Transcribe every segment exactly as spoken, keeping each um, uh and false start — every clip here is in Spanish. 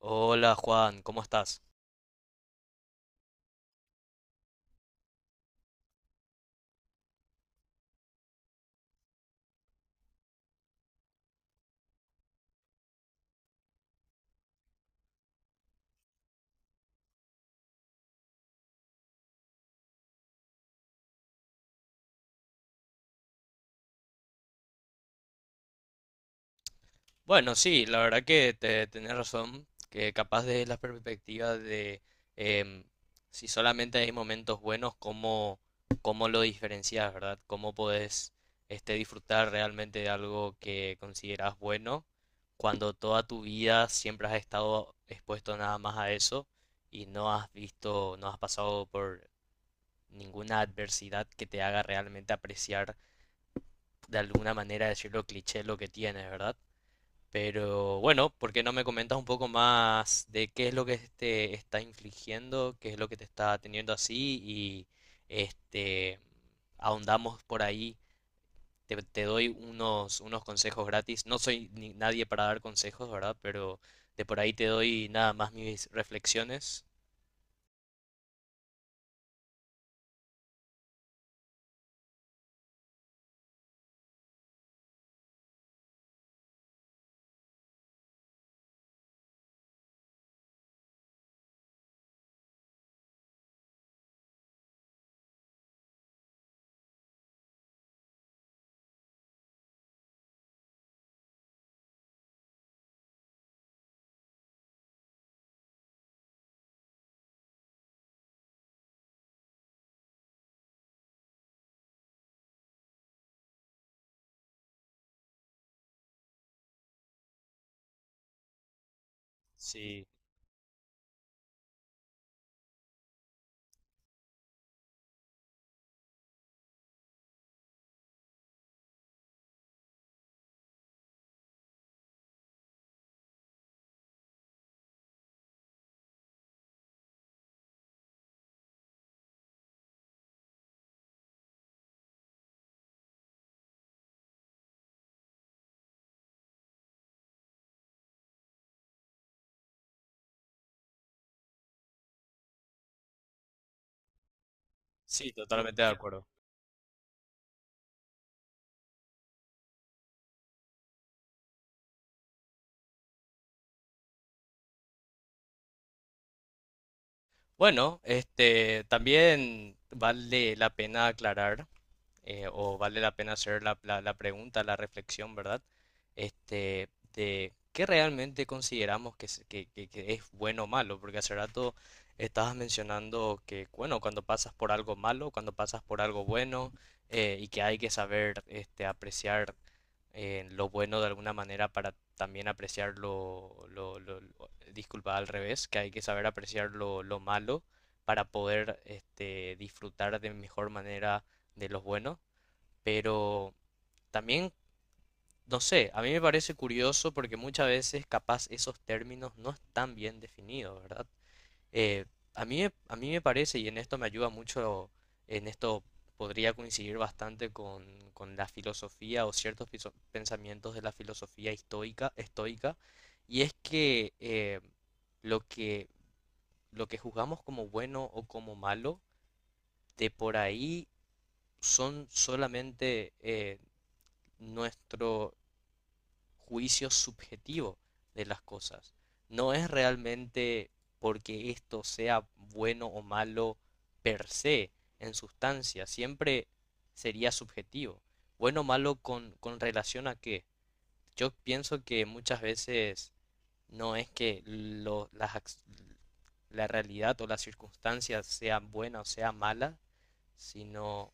Hola, Juan, ¿cómo estás? Bueno, sí, la verdad que te, tenés razón, que capaz de la perspectiva de em, si solamente hay momentos buenos, ¿cómo, cómo lo diferencias, verdad? ¿Cómo podés este, disfrutar realmente de algo que consideras bueno cuando toda tu vida siempre has estado expuesto nada más a eso y no has visto, no has pasado por ninguna adversidad que te haga realmente apreciar, de alguna manera, decirlo cliché, lo que tienes, ¿verdad? Pero bueno, ¿por qué no me comentas un poco más de qué es lo que te está infligiendo, qué es lo que te está teniendo así? Y este ahondamos por ahí. Te, te doy unos, unos consejos gratis. No soy ni nadie para dar consejos, ¿verdad? Pero de por ahí te doy nada más mis reflexiones. Sí, sí, totalmente de acuerdo. Bueno, este también vale la pena aclarar. Eh, o vale la pena hacer la, la- la pregunta, la reflexión, ¿verdad? Este, de qué realmente consideramos que, es- que- que- que es bueno o malo, porque hace rato estabas mencionando que, bueno, cuando pasas por algo malo, cuando pasas por algo bueno, eh, y que hay que saber este, apreciar, eh, lo bueno, de alguna manera, para también apreciar lo, lo- lo- lo- disculpa, al revés, que hay que saber apreciar lo, lo malo para poder este, disfrutar de mejor manera de los buenos, pero también, no sé, a mí me parece curioso porque muchas veces capaz esos términos no están bien definidos, ¿verdad? Eh, a mí, me- a mí me parece, y en esto me ayuda mucho, en esto podría coincidir bastante con, con la filosofía o ciertos piso- pensamientos de la filosofía estoica, estoica, y es que eh, lo que, lo que juzgamos como bueno o como malo, de por ahí son solamente eh, nuestro juicio subjetivo de las cosas. No es realmente porque esto sea bueno o malo per se, en sustancia, siempre sería subjetivo. Bueno o malo con, con relación a qué. Yo pienso que muchas veces no es que lo- las, la realidad o las circunstancias sean buenas o sean malas, sino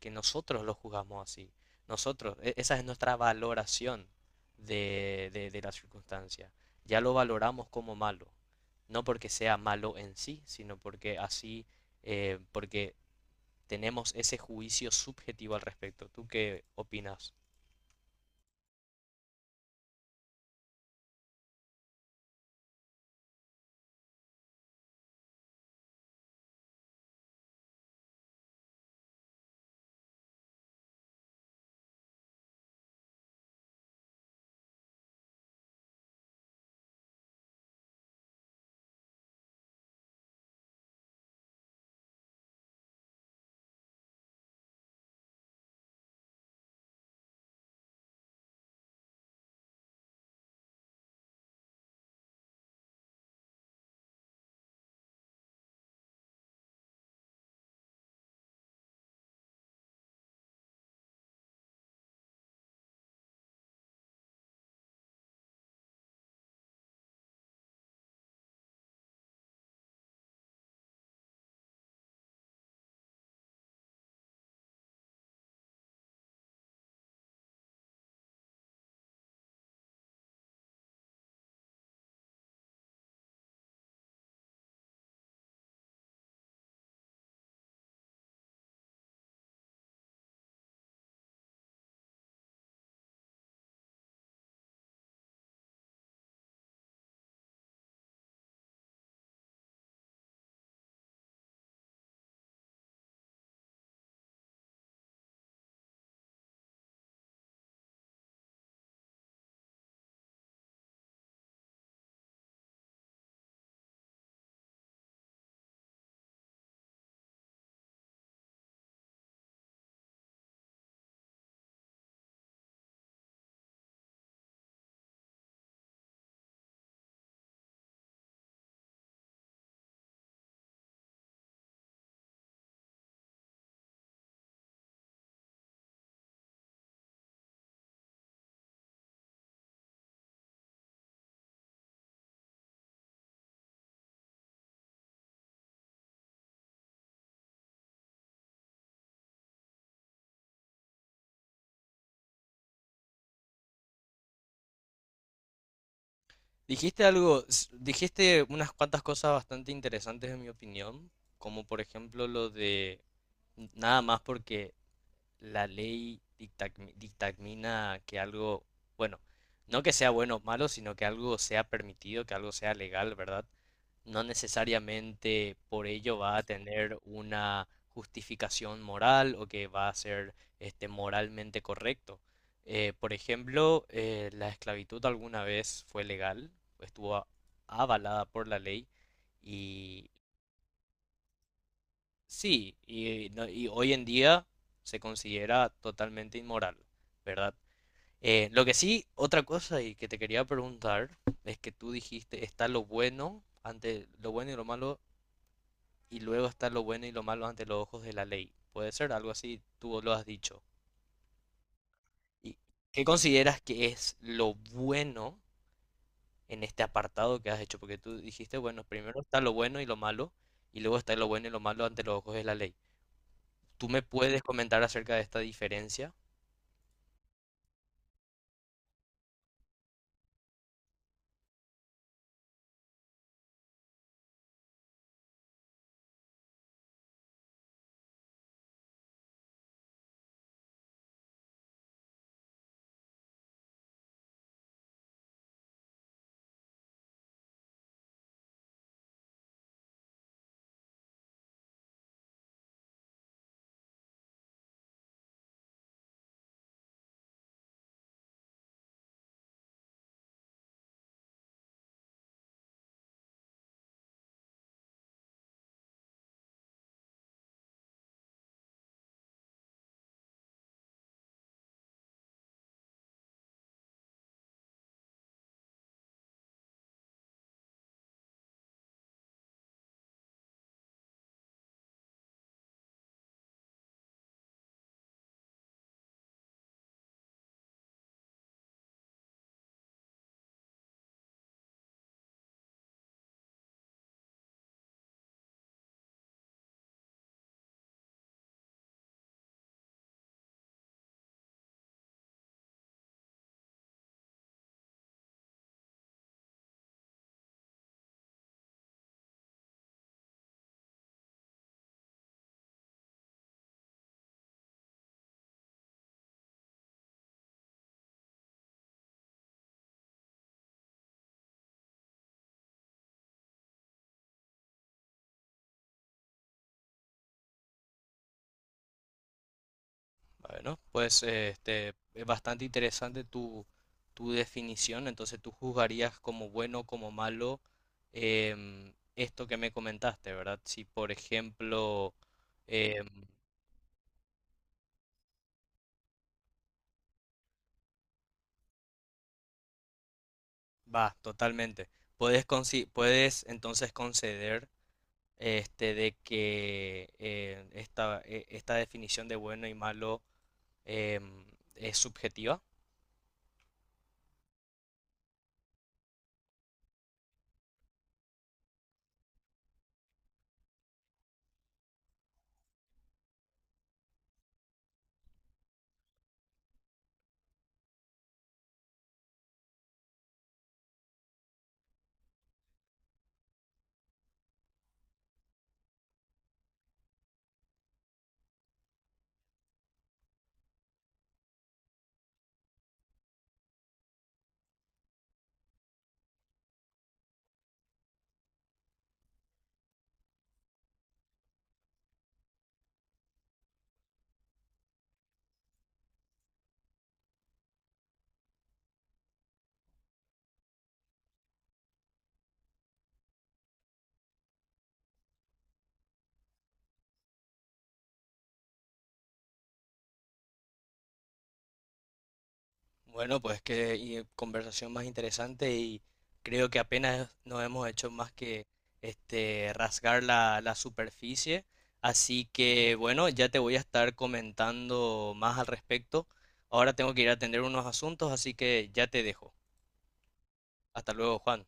que nosotros lo juzgamos así. Nosotros, e- esa es nuestra valoración de, de, de la circunstancia. Ya lo valoramos como malo, no porque sea malo en sí, sino porque así, eh, porque tenemos ese juicio subjetivo al respecto. ¿Tú qué opinas? Dijiste algo, dijiste unas cuantas cosas bastante interesantes en mi opinión, como por ejemplo lo de nada más porque la ley dictami- dictamina que algo, bueno, no que sea bueno o malo, sino que algo sea permitido, que algo sea legal, ¿verdad? No necesariamente por ello va a tener una justificación moral o que va a ser este, moralmente correcto. Eh, por ejemplo, eh, la esclavitud alguna vez fue legal, estuvo a- avalada por la ley. Y sí, y, no- y hoy en día se considera totalmente inmoral, ¿verdad? Eh, lo que sí, otra cosa y que te quería preguntar es que tú dijiste está lo bueno ante lo bueno y lo malo y luego está lo bueno y lo malo ante los ojos de la ley. Puede ser algo así, tú lo has dicho. ¿Y qué consideras que es lo bueno en este apartado que has hecho? Porque tú dijiste, bueno, primero está lo bueno y lo malo y luego está lo bueno y lo malo ante los ojos de la ley. ¿Tú me puedes comentar acerca de esta diferencia? Bueno, pues eh, este, es bastante interesante tu, tu definición. Entonces, tú juzgarías como bueno, como malo em, esto que me comentaste, ¿verdad? Si, por ejemplo, em, va, totalmente. Puedes, consi- puedes entonces conceder este, de que eh, esta, e- esta definición de bueno y malo em, es subjetiva. Bueno, pues qué y- conversación más interesante y creo que apenas nos hemos hecho más que este rasgar la, la superficie. Así que bueno, ya te voy a estar comentando más al respecto. Ahora tengo que ir a atender unos asuntos, así que ya te dejo. Hasta luego, Juan.